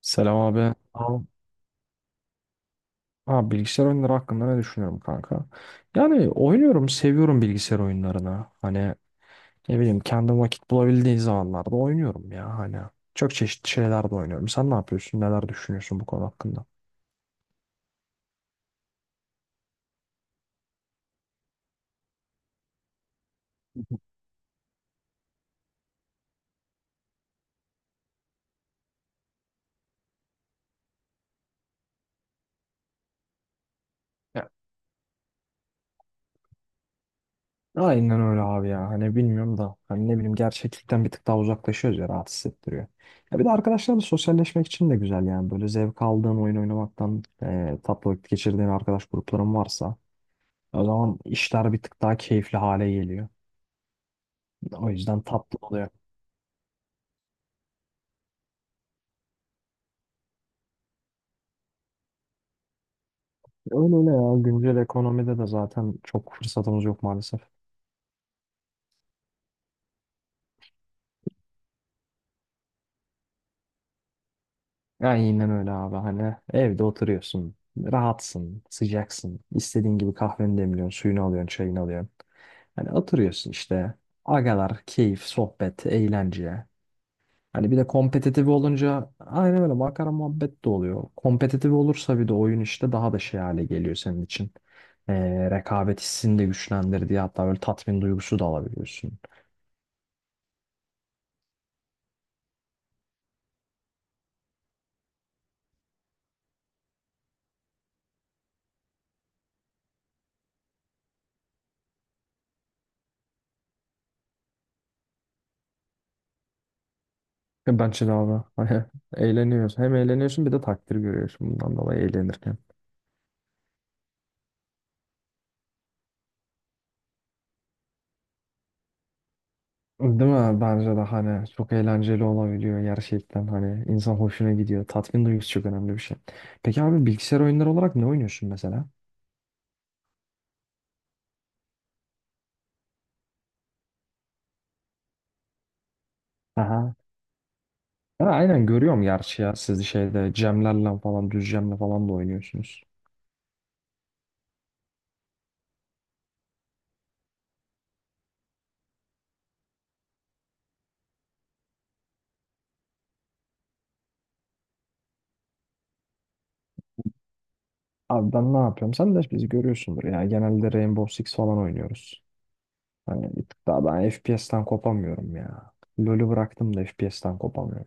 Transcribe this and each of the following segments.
Selam abi. Abi, bilgisayar oyunları hakkında ne düşünüyorum kanka? Yani oynuyorum, seviyorum bilgisayar oyunlarını. Hani ne bileyim kendi vakit bulabildiği zamanlarda oynuyorum ya hani. Çok çeşitli şeyler de oynuyorum. Sen ne yapıyorsun? Neler düşünüyorsun bu konu hakkında? Hı hı. Ya, aynen öyle abi ya. Hani bilmiyorum da hani ne bileyim gerçeklikten bir tık daha uzaklaşıyoruz ya, rahat hissettiriyor. Ya bir de arkadaşlarla sosyalleşmek için de güzel yani. Böyle zevk aldığın oyun oynamaktan tatlı vakit geçirdiğin arkadaş grupların varsa o zaman işler bir tık daha keyifli hale geliyor. O yüzden tatlı oluyor. Öyle öyle ya. Güncel ekonomide de zaten çok fırsatımız yok maalesef. Aynen öyle abi. Hani evde oturuyorsun. Rahatsın, sıcaksın. İstediğin gibi kahveni demliyorsun, suyunu alıyorsun, çayını alıyorsun. Hani oturuyorsun işte. Agalar, keyif, sohbet, eğlence. Hani bir de kompetitif olunca aynen öyle makara muhabbet de oluyor. Kompetitif olursa bir de oyun işte daha da şey hale geliyor senin için. Rekabet hissini de güçlendirdiği hatta böyle tatmin duygusu da alabiliyorsun. Ya, bence de abi. Eğleniyorsun. Hem eğleniyorsun bir de takdir görüyorsun bundan dolayı eğlenirken. Değil mi? Bence de hani çok eğlenceli olabiliyor gerçekten, hani insan hoşuna gidiyor. Tatmin duygusu çok önemli bir şey. Peki abi, bilgisayar oyunları olarak ne oynuyorsun mesela? Aha. Ha, aynen görüyorum gerçi ya, siz şeyde Cemlerle falan, düz Cem'le falan da oynuyorsunuz. Abi ben ne yapıyorum? Sen de bizi görüyorsundur ya. Genelde Rainbow Six falan oynuyoruz. Hani bir tık daha ben FPS'ten kopamıyorum ya. LoL'ü bıraktım da FPS'ten kopamıyorum.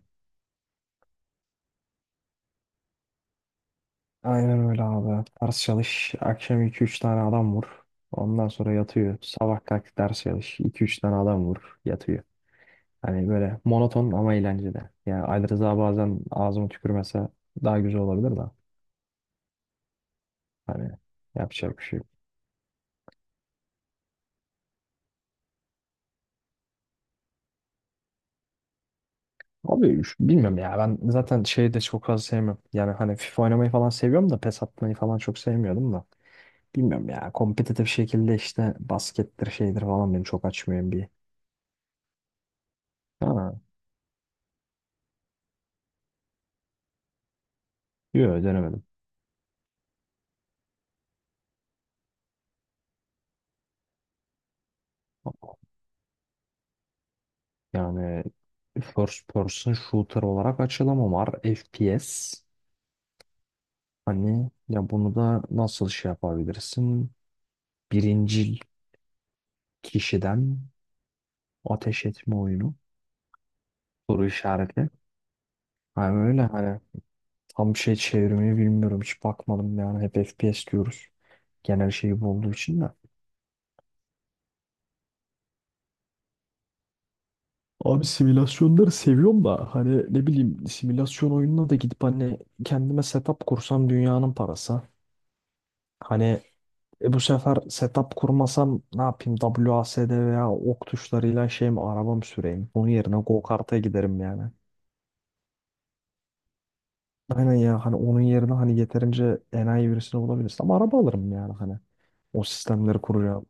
Aynen öyle abi. Ders çalış. Akşam iki üç tane adam vur. Ondan sonra yatıyor. Sabah kalk ders çalış. İki üç tane adam vur. Yatıyor. Hani böyle monoton ama eğlenceli. Yani Ali Rıza bazen ağzıma tükürmese daha güzel olabilir de. Hani yapacak bir şey yok. Abi bilmiyorum ya, ben zaten şeyi de çok fazla sevmiyorum. Yani hani FIFA oynamayı falan seviyorum da PES atmayı falan çok sevmiyordum da. Bilmiyorum ya, kompetitif şekilde işte baskettir şeydir falan beni çok açmıyor bir. Ha, yok, denemedim. Yani first person shooter olarak açılımı var. FPS. Hani ya bunu da nasıl şey yapabilirsin? Birincil kişiden ateş etme oyunu. Soru işareti. Hani öyle hani tam şey çevirmeyi bilmiyorum. Hiç bakmadım yani. Hep FPS diyoruz. Genel şey bu olduğu için de. Abi simülasyonları seviyorum da hani ne bileyim simülasyon oyununa da gidip hani kendime setup kursam dünyanın parası. Hani E bu sefer setup kurmasam ne yapayım? W A S D veya ok tuşlarıyla şey mi arabam süreyim? Onun yerine go-kart'a giderim yani. Aynen ya, hani onun yerine hani yeterince enayi birisini bulabilirsin. Ama araba alırım yani hani. O sistemleri kuracağım.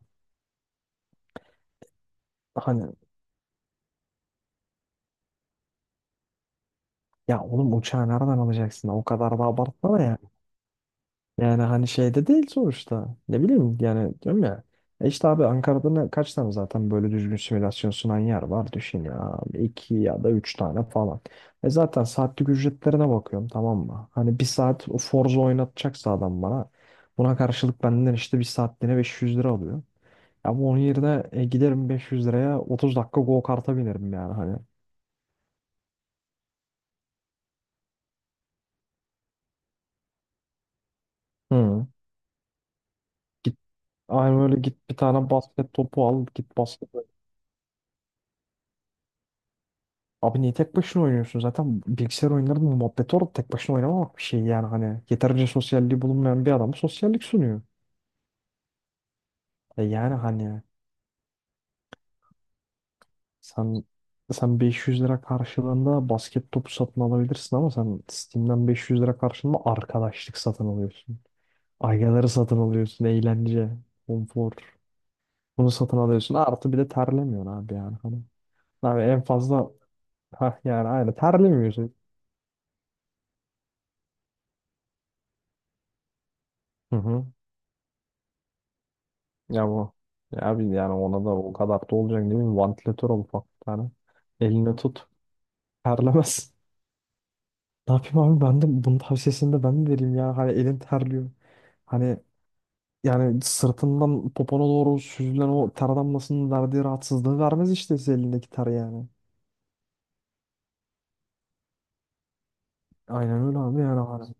Hani ya oğlum, uçağı nereden alacaksın? O kadar da abartma da yani. Yani hani şeyde değil sonuçta. Ne bileyim yani, diyorum ya. E işte abi, Ankara'da kaç tane zaten böyle düzgün simülasyon sunan yer var düşün ya. İki ya da üç tane falan. E zaten saatlik ücretlerine bakıyorum, tamam mı? Hani bir saat o Forza oynatacaksa adam bana. Buna karşılık benden işte bir saatliğine 500 lira alıyor. Ama onun yerine giderim 500 liraya 30 dakika go kart'a binerim yani hani. Hı. Git, aynı öyle git bir tane basket topu al git basket. Abi niye tek başına oynuyorsun? Zaten bilgisayar oyunlarının muhabbeti orada, tek başına oynamamak bir şey yani hani. Yeterince sosyalliği bulunmayan bir adama sosyallik sunuyor. E yani hani, sen sen 500 lira karşılığında basket topu satın alabilirsin ama sen Steam'den 500 lira karşılığında arkadaşlık satın alıyorsun. Aygaları satın alıyorsun, eğlence, konfor. Bunu satın alıyorsun. Artı bir de terlemiyorsun abi yani hani. Abi en fazla, ha yani, aynı terlemiyorsun. Hı hı. Ya bu. Ya abi, yani ona da o kadar da olacak değil mi? Vantilatör al, ufak bir tane. Eline tut. Terlemez. Ne yapayım abi, ben de bunun tavsiyesini de ben mi vereyim ya? Hani elin terliyor. Hani yani sırtından popona doğru süzülen o ter damlasının verdiği rahatsızlığı vermez işte size elindeki ter yani. Aynen öyle abi yani hani.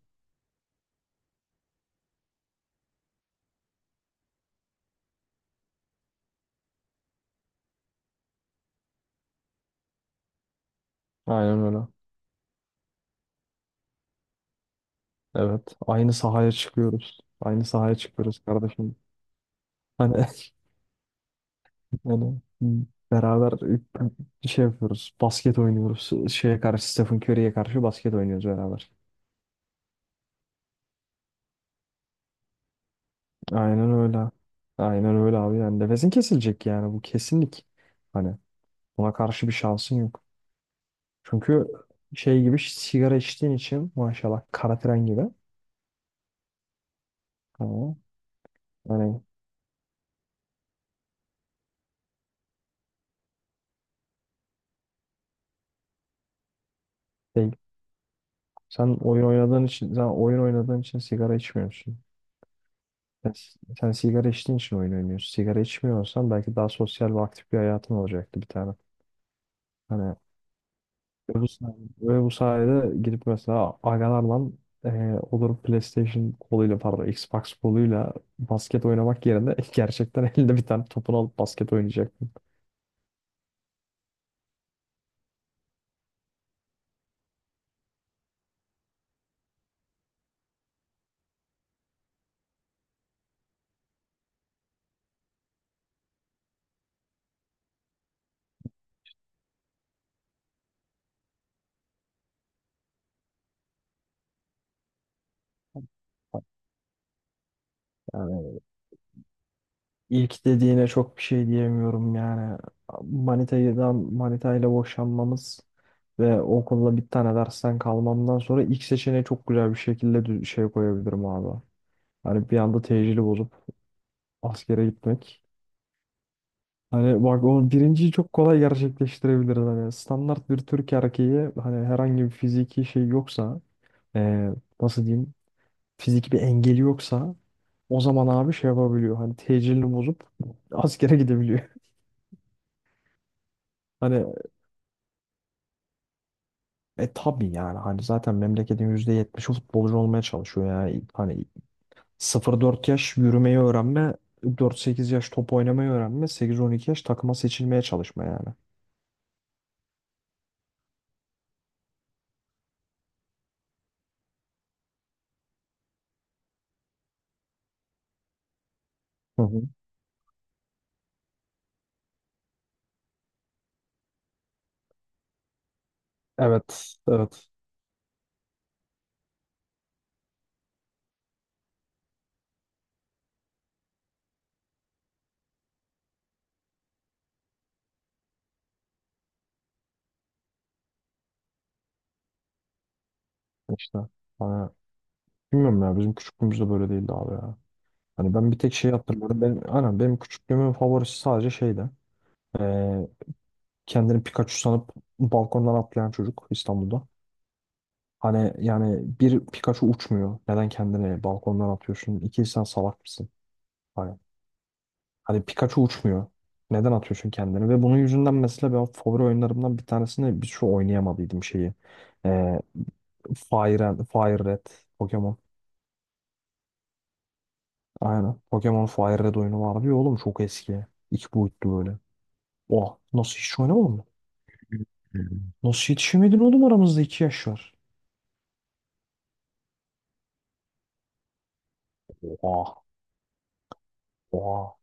Aynen öyle. Evet. Aynı sahaya çıkıyoruz. Aynı sahaya çıkıyoruz kardeşim. Hani Onu beraber şey yapıyoruz. Basket oynuyoruz. Şeye karşı, Stephen Curry'ye karşı basket oynuyoruz beraber. Aynen öyle. Aynen öyle abi. Yani nefesin kesilecek yani, bu kesinlik. Hani buna karşı bir şansın yok. Çünkü şey gibi, sigara içtiğin için maşallah kara tren gibi. Ama hani şey, sen oyun oynadığın için sigara içmiyorsun. Sen, sen sigara içtiğin için oyun oynuyorsun. Sigara içmiyorsan belki daha sosyal ve aktif bir hayatın olacaktı bir tane. Hani Ve bu sayede gidip mesela agalarla olur PlayStation koluyla, pardon, Xbox koluyla basket oynamak yerine gerçekten elinde bir tane topunu alıp basket oynayacaktım. Yani ilk dediğine çok bir şey diyemiyorum yani. Manita'dan Manita'yla boşanmamız ve okulda bir tane dersten kalmamdan sonra ilk seçeneği çok güzel bir şekilde şey koyabilirim abi. Hani bir anda tecili bozup askere gitmek. Hani bak, o birinciyi çok kolay gerçekleştirebiliriz. Hani standart bir Türk erkeği, hani herhangi bir fiziki şey yoksa, eee, nasıl diyeyim, fiziki bir engeli yoksa o zaman abi şey yapabiliyor. Hani tecilini bozup askere gidebiliyor. Hani tabii yani, hani zaten memleketin %70'i futbolcu olmaya çalışıyor yani. Hani 0-4 yaş yürümeyi öğrenme, 4-8 yaş top oynamayı öğrenme, 8-12 yaş takıma seçilmeye çalışma yani. Hı hı. Evet, evet. İşte. Hani bilmiyorum ya, bizim küçüklüğümüzde böyle değildi abi ya. Hani ben bir tek şey hatırlıyorum. Benim, aynen benim küçüklüğümün favorisi sadece şeydi. Ee, kendini Pikachu sanıp balkondan atlayan çocuk İstanbul'da. Hani yani bir Pikachu uçmuyor. Neden kendini balkondan atıyorsun? İki, sen salak mısın? Hani, hani, Pikachu uçmuyor. Neden atıyorsun kendini? Ve bunun yüzünden mesela ben favori oyunlarımdan bir tanesini bir şu oynayamadıydım şeyi. Ee, Fire Red Pokemon. Aynen. Pokemon Fire Red oyunu vardı ya oğlum, çok eski. İki boyutlu böyle. Oha, nasıl hiç oynamadın mı? Hı. Hı. Nasıl yetişemedin oğlum, aramızda 2 yaş var. Oha. Oha.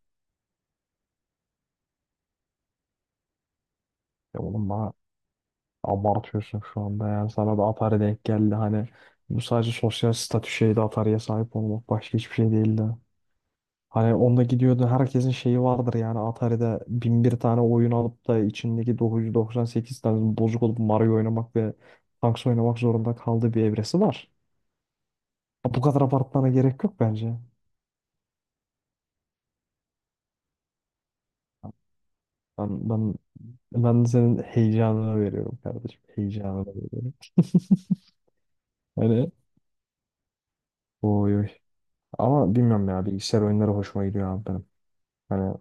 Ya oğlum bana abartıyorsun şu anda yani, sana da Atari denk geldi hani, bu sadece sosyal statü şeydi, Atari'ye sahip olmak başka hiçbir şey değildi. Hani onda gidiyordu, herkesin şeyi vardır yani, Atari'de bin bir tane oyun alıp da içindeki 998 tane bozuk olup Mario oynamak ve Tanks oynamak zorunda kaldığı bir evresi var. Bu kadar abartmana gerek yok bence. Ben, ben, ben de senin heyecanına veriyorum kardeşim. Heyecanına veriyorum. Hani oy oy. Ama bilmiyorum ya, bilgisayar oyunları hoşuma gidiyor abi benim. Hani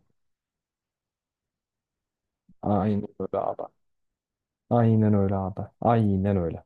aynen öyle abi. Aynen öyle abi. Aynen öyle.